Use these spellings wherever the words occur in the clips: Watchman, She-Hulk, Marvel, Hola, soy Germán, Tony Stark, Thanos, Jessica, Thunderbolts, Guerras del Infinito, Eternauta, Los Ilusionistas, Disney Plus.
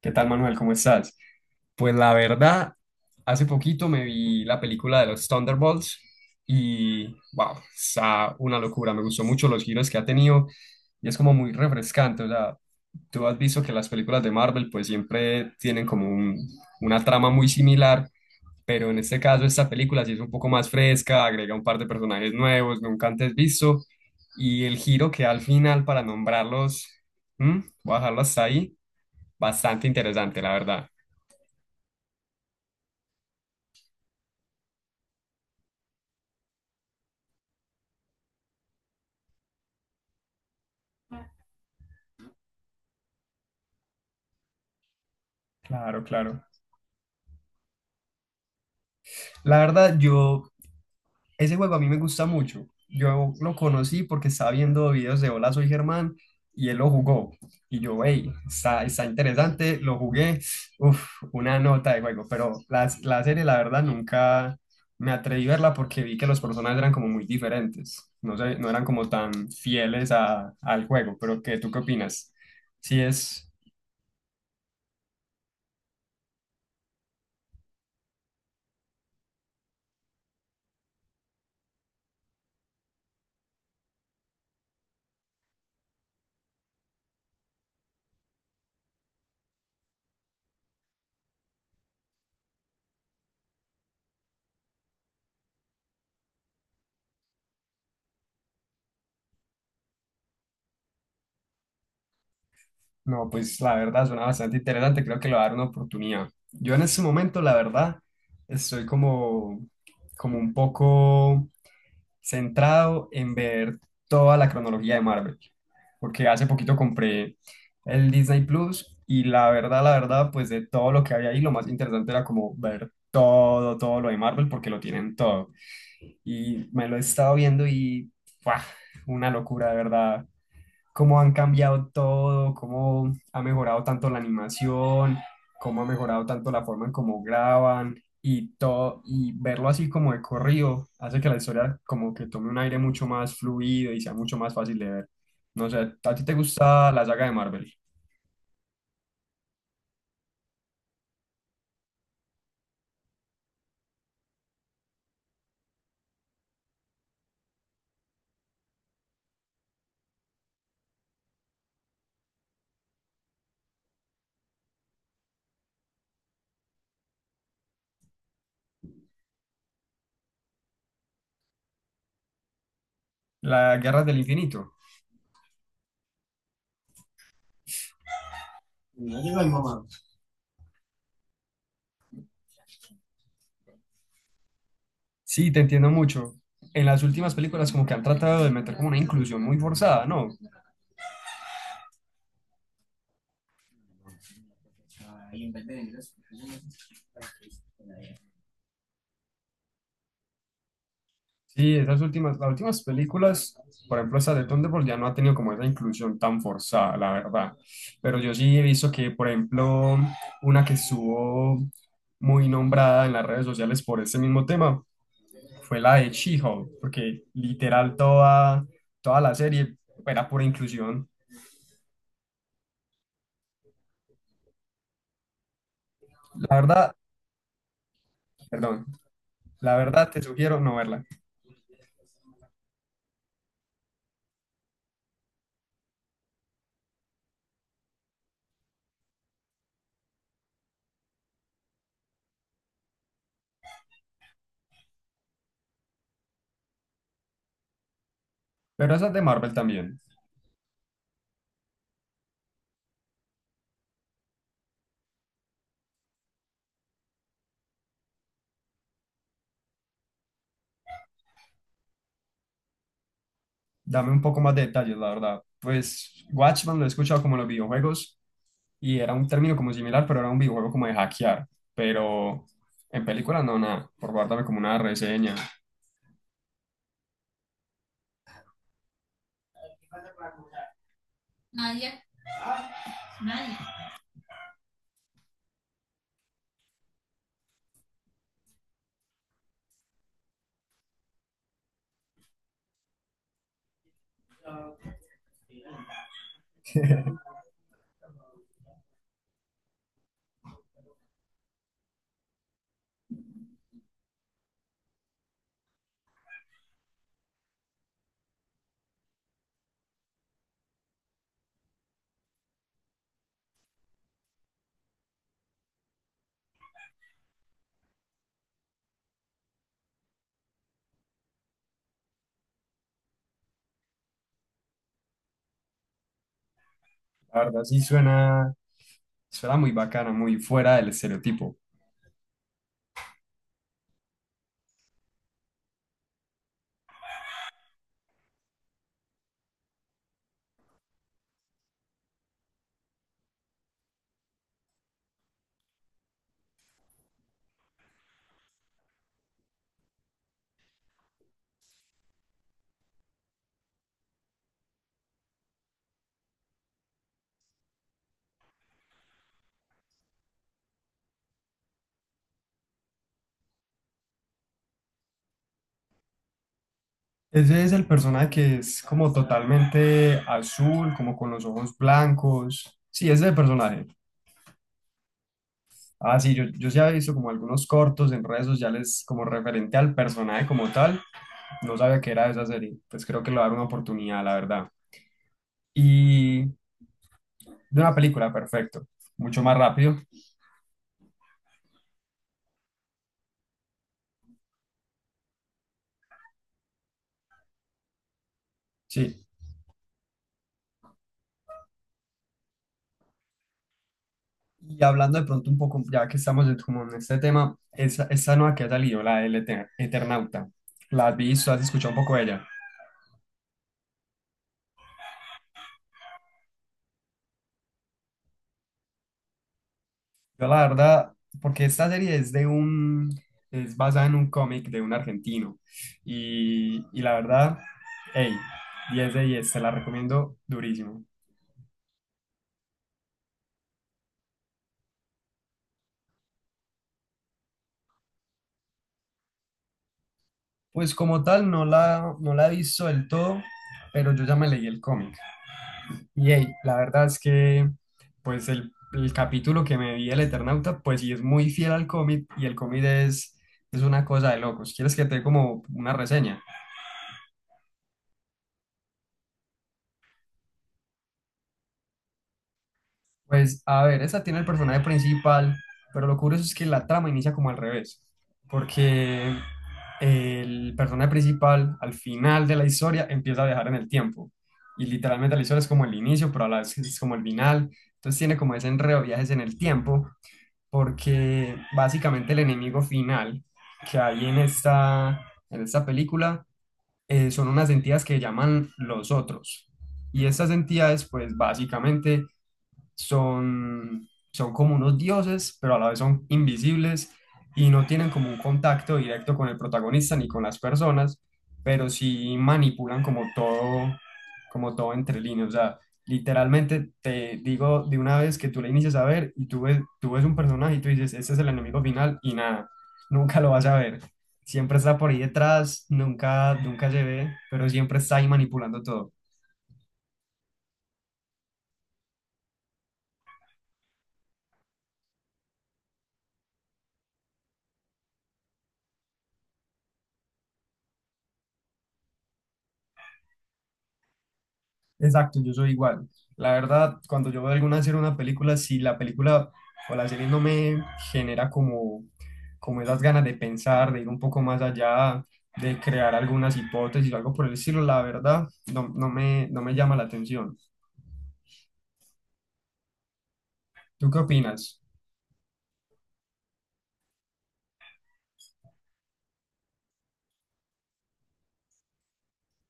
¿Qué tal, Manuel? ¿Cómo estás? Pues la verdad, hace poquito me vi la película de los Thunderbolts y wow, está una locura. Me gustó mucho los giros que ha tenido y es como muy refrescante. O sea, tú has visto que las películas de Marvel pues siempre tienen como una trama muy similar, pero en este caso esta película sí es un poco más fresca, agrega un par de personajes nuevos, nunca antes visto y el giro que da al final para nombrarlos, ¿hmm? Voy a dejarlo hasta ahí. Bastante interesante, la verdad. Claro, claro. La verdad, ese juego a mí me gusta mucho. Yo lo conocí porque estaba viendo videos de Hola, soy Germán y él lo jugó. Y yo, hey, está interesante, lo jugué. Uf, una nota de juego. Pero la serie, la verdad, nunca me atreví a verla porque vi que los personajes eran como muy diferentes. No sé, no eran como tan fieles al juego. Pero, ¿qué, tú qué opinas? Si es, no, pues la verdad suena bastante interesante, creo que le va a dar una oportunidad. Yo en este momento, la verdad, estoy como un poco centrado en ver toda la cronología de Marvel, porque hace poquito compré el Disney Plus y la verdad, pues de todo lo que había ahí, lo más interesante era como ver todo lo de Marvel, porque lo tienen todo. Y me lo he estado viendo y ¡fua! Una locura, de verdad cómo han cambiado todo, cómo ha mejorado tanto la animación, cómo ha mejorado tanto la forma en cómo graban y todo, y verlo así como de corrido hace que la historia como que tome un aire mucho más fluido y sea mucho más fácil de ver. No sé, ¿a ti te gusta la saga de Marvel? Las Guerras del Infinito. Sí, te entiendo mucho. En las últimas películas como que han tratado de meter como una inclusión muy forzada, ¿no? Sí, las últimas películas, por ejemplo, esa de Thunderbolt ya no ha tenido como esa inclusión tan forzada, la verdad. Pero yo sí he visto que, por ejemplo, una que estuvo muy nombrada en las redes sociales por ese mismo tema fue la de She-Hulk, porque literal toda la serie era pura inclusión. La verdad, perdón, la verdad te sugiero no verla. Pero esa es de Marvel también. Dame un poco más de detalles, la verdad. Pues Watchman lo he escuchado como en los videojuegos y era un término como similar, pero era un videojuego como de hackear. Pero en película no, nada. Por favor, dame como una reseña. Nadie, nadie. La verdad sí suena muy bacana, muy fuera del estereotipo. Ese es el personaje que es como totalmente azul, como con los ojos blancos. Sí, ese es el personaje. Ah, sí, yo sí había visto como algunos cortos en redes sociales como referente al personaje como tal. No sabía que era de esa serie. Pues creo que le voy a dar una oportunidad, la verdad. Y de una película, perfecto. Mucho más rápido. Sí. Y hablando de pronto un poco, ya que estamos como en este tema, esa nueva que ha salido, la del Eternauta. ¿La has visto? ¿Has escuchado un poco de ella? Yo la verdad, porque esta serie es de es basada en un cómic de un argentino. Y la verdad, hey, 10 de 10, te la recomiendo durísimo. Pues como tal, no la he visto del todo, pero yo ya me leí el cómic. Y hey, la verdad es que, pues el capítulo que me vi el Eternauta, pues sí es muy fiel al cómic y el cómic es una cosa de locos. ¿Quieres que te dé como una reseña? Pues a ver, esta tiene el personaje principal, pero lo curioso es que la trama inicia como al revés, porque el personaje principal al final de la historia empieza a viajar en el tiempo y literalmente la historia es como el inicio, pero a la vez es como el final, entonces tiene como ese enredo de viajes en el tiempo, porque básicamente el enemigo final que hay en esta película son unas entidades que llaman los otros. Y estas entidades, pues básicamente son como unos dioses, pero a la vez son invisibles y no tienen como un contacto directo con el protagonista ni con las personas, pero sí manipulan como todo entre líneas. O sea, literalmente te digo de una vez que tú le inicias a ver y tú ves un personaje y tú dices, este es el enemigo final y nada, nunca lo vas a ver. Siempre está por ahí detrás, nunca, nunca se ve, pero siempre está ahí manipulando todo. Exacto, yo soy igual. La verdad, cuando yo veo alguna serie o una película, si la película o la serie no me genera como esas ganas de pensar, de ir un poco más allá, de crear algunas hipótesis o algo por el estilo, la verdad, no me llama la atención. ¿Tú qué opinas?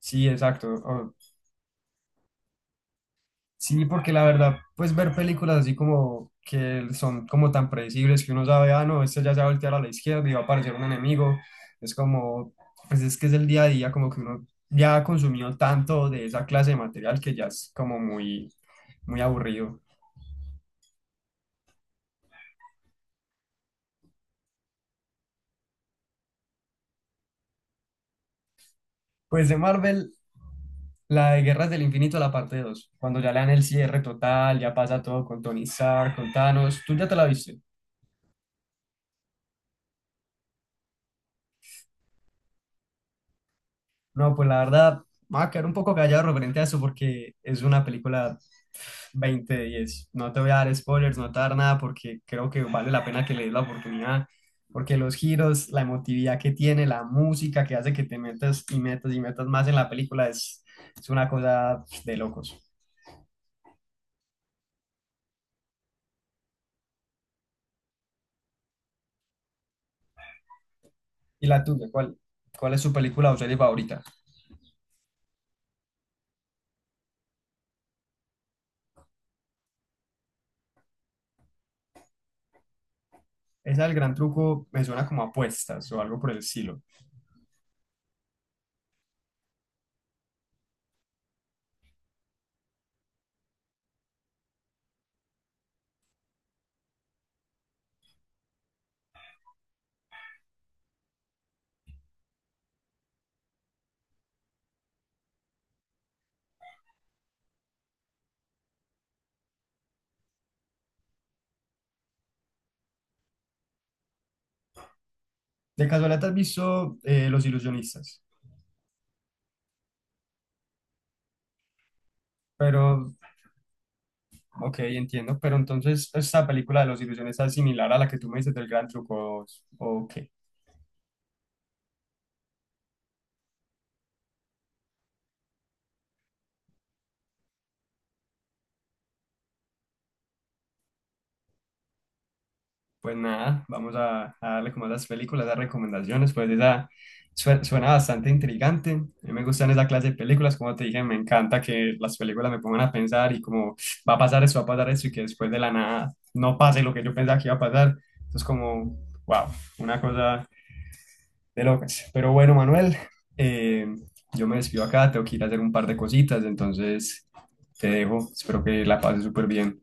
Sí, exacto. Sí, porque la verdad, pues ver películas así como que son como tan predecibles que uno sabe, ah, no, este ya se va a voltear a la izquierda y va a aparecer un enemigo. Es como, pues es que es el día a día, como que uno ya ha consumido tanto de esa clase de material que ya es como muy, muy aburrido. Pues de Marvel, la de Guerras del Infinito, la parte 2 cuando ya le dan el cierre total, ya pasa todo con Tony Stark, con Thanos, ¿tú ya te la viste? No, pues la verdad, me voy a quedar un poco callado referente a eso porque es una película 20 de 10. No te voy a dar spoilers, no te voy a dar nada porque creo que vale la pena que le des la oportunidad, porque los giros, la emotividad que tiene, la música que hace que te metas y metas y metas más en la película es una cosa de locos. ¿Y la tuya? ¿Cuál es su película o serie favorita? Esa del gran truco me suena como apuestas o algo por el estilo. De casualidad, ¿te ¿has visto Los Ilusionistas? Pero, ok, entiendo. Pero entonces, ¿esta película de Los Ilusionistas es similar a la que tú me dices del gran truco? Ok. Pues nada, vamos a darle como a las películas, a las recomendaciones, pues esa suena bastante intrigante. A mí me gustan esa clase de películas, como te dije, me encanta que las películas me pongan a pensar y como va a pasar eso, va a pasar eso y que después de la nada no pase lo que yo pensaba que iba a pasar. Entonces como, wow, una cosa de locas. Pero bueno, Manuel, eh, yo me despido acá, tengo que ir a hacer un par de cositas, entonces te dejo, espero que la pases súper bien.